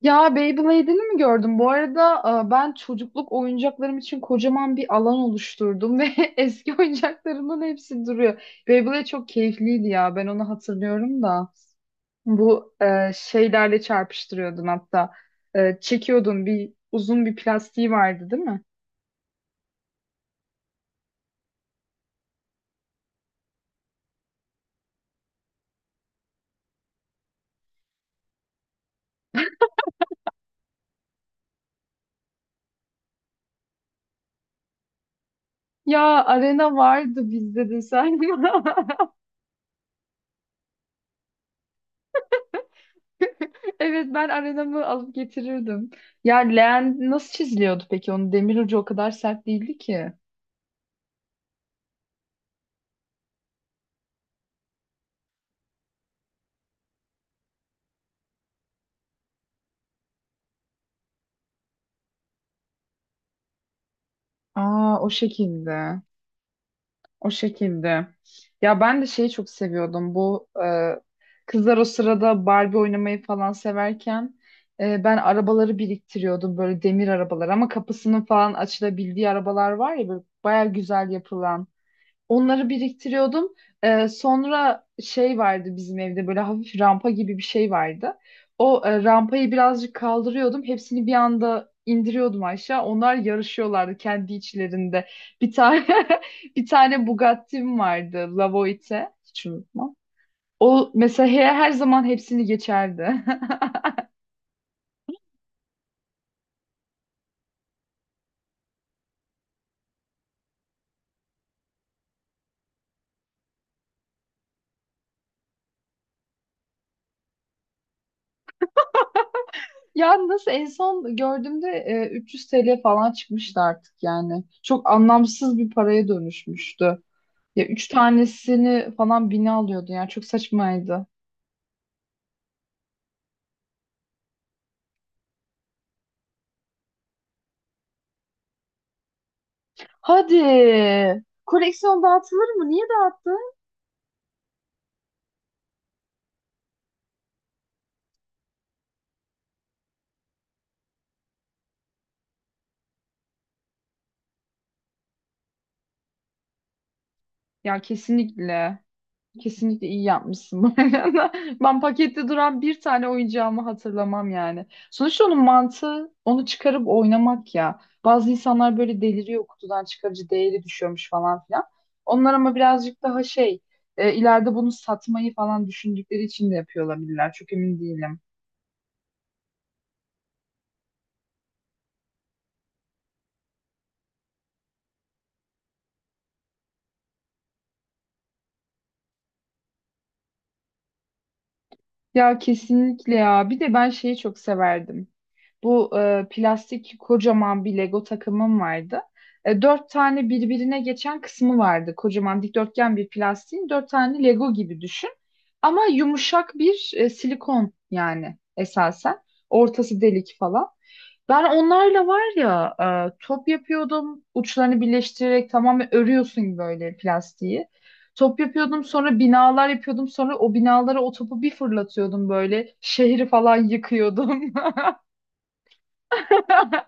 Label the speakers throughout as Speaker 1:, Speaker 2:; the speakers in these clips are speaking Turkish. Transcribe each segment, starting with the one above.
Speaker 1: Ya Beyblade'ini mi gördüm? Bu arada ben çocukluk oyuncaklarım için kocaman bir alan oluşturdum ve eski oyuncaklarımın hepsi duruyor. Beyblade çok keyifliydi ya. Ben onu hatırlıyorum da. Bu şeylerle çarpıştırıyordun hatta. Çekiyordun bir uzun bir plastiği vardı değil mi? Ya arena vardı bizde de sen. Evet ben arenamı alıp getirirdim. Ya leğen nasıl çiziliyordu peki? Onun demir ucu o kadar sert değildi ki. Aa, o şekilde. O şekilde. Ya ben de şeyi çok seviyordum. Bu kızlar o sırada Barbie oynamayı falan severken ben arabaları biriktiriyordum. Böyle demir arabalar ama kapısının falan açılabildiği arabalar var ya böyle baya güzel yapılan. Onları biriktiriyordum. Sonra şey vardı bizim evde böyle hafif rampa gibi bir şey vardı. O rampayı birazcık kaldırıyordum. Hepsini bir anda indiriyordum aşağı. Onlar yarışıyorlardı kendi içlerinde. Bir tane bir tane Bugatti'm vardı. Lavoite. Hiç unutmam. O mesela her zaman hepsini geçerdi. Ya nasıl en son gördüğümde 300 TL falan çıkmıştı artık yani. Çok anlamsız bir paraya dönüşmüştü. Ya üç tanesini falan bine alıyordu yani. Çok saçmaydı. Hadi. Koleksiyon dağıtılır mı? Niye dağıttın? Ya kesinlikle. Kesinlikle iyi yapmışsın bu arada. Ben pakette duran bir tane oyuncağımı hatırlamam yani. Sonuçta onun mantığı onu çıkarıp oynamak ya. Bazı insanlar böyle deliriyor kutudan çıkarıcı değeri düşüyormuş falan filan. Onlar ama birazcık daha şey ileride bunu satmayı falan düşündükleri için de yapıyor olabilirler. Çok emin değilim. Ya kesinlikle ya. Bir de ben şeyi çok severdim. Bu plastik kocaman bir Lego takımım vardı. Dört tane birbirine geçen kısmı vardı. Kocaman dikdörtgen bir plastiğin dört tane Lego gibi düşün. Ama yumuşak bir silikon yani esasen. Ortası delik falan. Ben onlarla var ya top yapıyordum. Uçlarını birleştirerek tamamen örüyorsun böyle plastiği. Top yapıyordum sonra binalar yapıyordum. Sonra o binalara o topu bir fırlatıyordum böyle. Şehri falan yıkıyordum.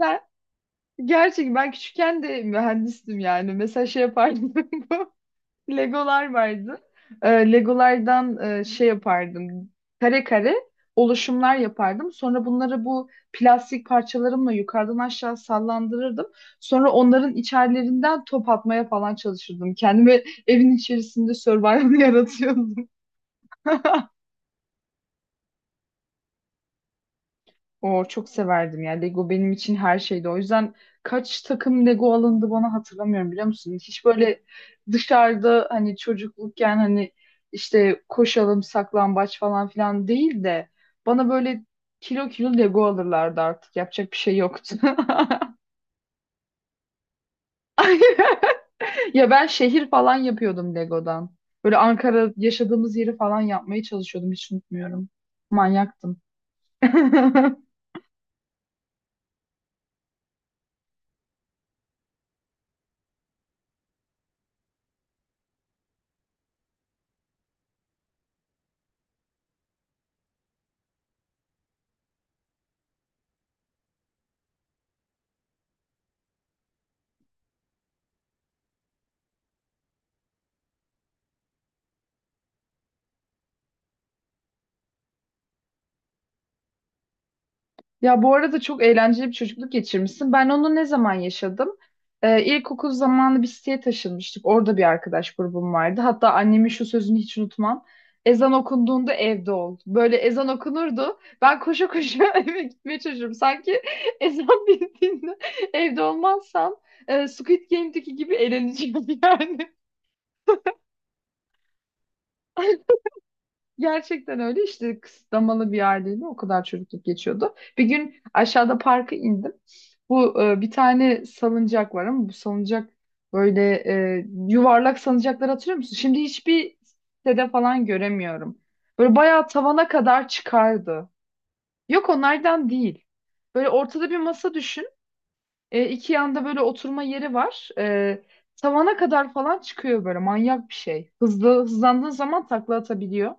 Speaker 1: Ben gerçekten ben küçükken de mühendistim yani. Mesela şey yapardım. Legolar vardı. Legolardan şey yapardım. Kare kare oluşumlar yapardım. Sonra bunları bu plastik parçalarımla yukarıdan aşağı sallandırırdım. Sonra onların içerilerinden top atmaya falan çalışırdım. Kendimi evin içerisinde survival yaratıyordum. O çok severdim ya. Lego benim için her şeydi. O yüzden kaç takım Lego alındı bana hatırlamıyorum biliyor musun? Hiç böyle dışarıda hani çocuklukken hani işte koşalım saklambaç falan filan değil de bana böyle kilo kilo Lego alırlardı artık. Yapacak bir şey yoktu. Ay, ya ben şehir falan yapıyordum Lego'dan. Böyle Ankara yaşadığımız yeri falan yapmaya çalışıyordum. Hiç unutmuyorum. Manyaktım. Ya bu arada çok eğlenceli bir çocukluk geçirmişsin. Ben onu ne zaman yaşadım? İlkokul zamanı bir siteye taşınmıştık. Orada bir arkadaş grubum vardı. Hatta annemin şu sözünü hiç unutmam. Ezan okunduğunda evde ol. Böyle ezan okunurdu. Ben koşa koşa eve gitmeye çalışırım. Sanki ezan bittiğinde evde olmazsam Squid Game'deki gibi eğleneceğim yani. Gerçekten öyle işte kısıtlamalı bir aileyle o kadar çocukluk geçiyordu. Bir gün aşağıda parka indim. Bu bir tane salıncak var ama bu salıncak böyle yuvarlak salıncaklar hatırlıyor musun? Şimdi hiçbir sitede falan göremiyorum. Böyle bayağı tavana kadar çıkardı. Yok onlardan değil. Böyle ortada bir masa düşün. İki yanda böyle oturma yeri var. Tavana kadar falan çıkıyor böyle manyak bir şey. Hızlı hızlandığın zaman takla atabiliyor.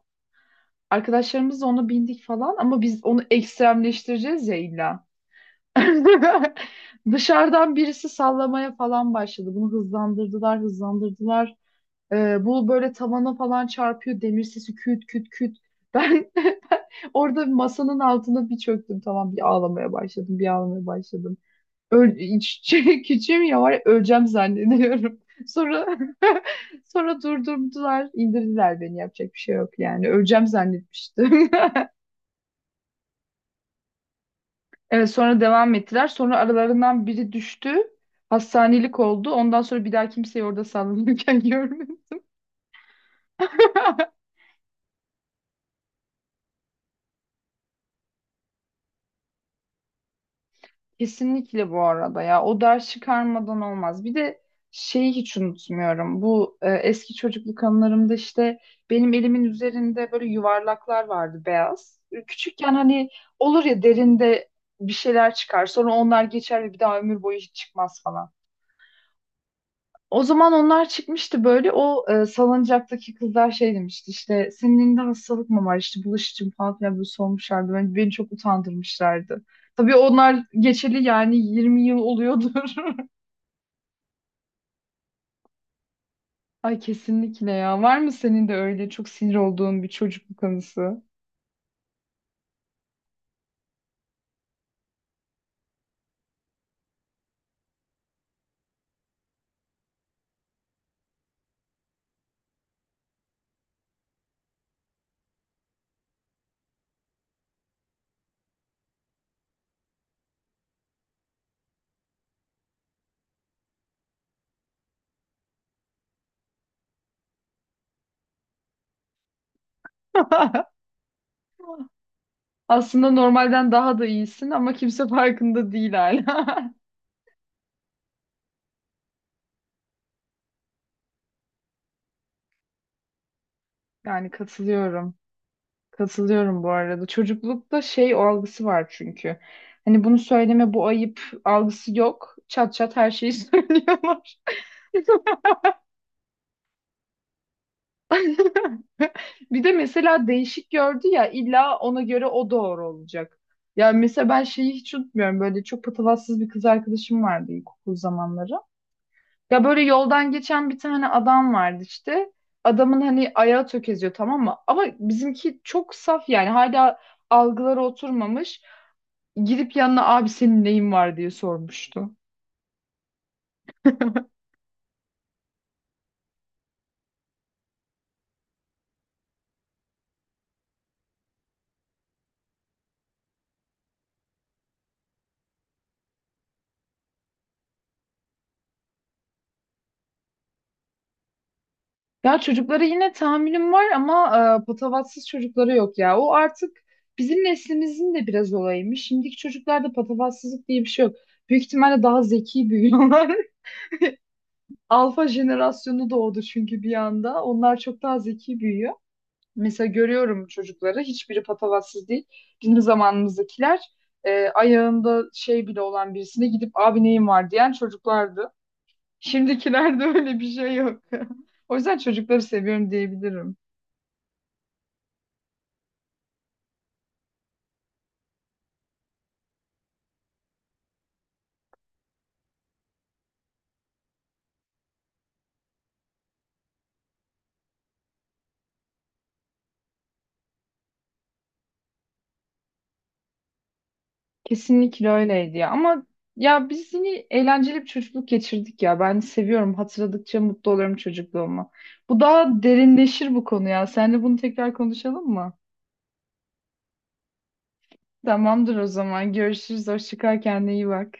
Speaker 1: Arkadaşlarımızla onu bindik falan ama biz onu ekstremleştireceğiz ya illa. Dışarıdan birisi sallamaya falan başladı. Bunu hızlandırdılar, hızlandırdılar. Bu böyle tavana falan çarpıyor. Demir sesi küt küt küt. Ben, ben orada masanın altına bir çöktüm. Tamam bir ağlamaya başladım, bir ağlamaya başladım. Şey, küçüğüm ya var ya, öleceğim zannediyorum. Sonra sonra durdurdular, indirdiler beni. Yapacak bir şey yok yani. Öleceğim zannetmiştim. Evet sonra devam ettiler. Sonra aralarından biri düştü. Hastanelik oldu. Ondan sonra bir daha kimseyi orada sallanırken görmedim. Kesinlikle bu arada ya. O ders çıkarmadan olmaz. Bir de şeyi hiç unutmuyorum. Bu eski çocukluk anılarımda işte benim elimin üzerinde böyle yuvarlaklar vardı beyaz. Küçükken hani olur ya derinde bir şeyler çıkar. Sonra onlar geçer ve bir daha ömür boyu hiç çıkmaz falan. O zaman onlar çıkmıştı böyle o salıncaktaki kızlar şey demişti işte senin elinde hastalık mı var işte bulaşıcı mı falan filan böyle sormuşlardı. Ben, beni çok utandırmışlardı. Tabii onlar geçeli yani 20 yıl oluyordur. Ay kesinlikle ya. Var mı senin de öyle çok sinir olduğun bir çocukluk anısı? Aslında normalden daha da iyisin ama kimse farkında değil hala. Yani katılıyorum. Katılıyorum bu arada. Çocuklukta şey o algısı var çünkü. Hani bunu söyleme bu ayıp algısı yok. Çat çat her şeyi söylüyorlar. Bir de mesela değişik gördü ya illa ona göre o doğru olacak. Ya mesela ben şeyi hiç unutmuyorum. Böyle çok patavatsız bir kız arkadaşım vardı ilkokul zamanları. Ya böyle yoldan geçen bir tane adam vardı işte. Adamın hani ayağı tökeziyor tamam mı? Ama bizimki çok saf yani hala algıları oturmamış. Gidip yanına abi senin neyin var diye sormuştu. Ya çocuklara yine tahammülüm var ama patavatsız çocukları yok ya. O artık bizim neslimizin de biraz olayıymış. Şimdiki çocuklarda patavatsızlık diye bir şey yok. Büyük ihtimalle daha zeki büyüyorlar. Alfa jenerasyonu doğdu çünkü bir anda. Onlar çok daha zeki büyüyor. Mesela görüyorum çocukları. Hiçbiri patavatsız değil. Bizim zamanımızdakiler ayağında şey bile olan birisine gidip abi neyin var diyen çocuklardı. Şimdikilerde öyle bir şey yok. O yüzden çocukları seviyorum diyebilirim. Kesinlikle öyleydi ya. Ama ya biz yine eğlenceli bir çocukluk geçirdik ya. Ben seviyorum. Hatırladıkça mutlu oluyorum çocukluğuma. Bu daha derinleşir bu konu ya. Seninle bunu tekrar konuşalım mı? Tamamdır o zaman. Görüşürüz. Hoşça kal. Kendine iyi bak.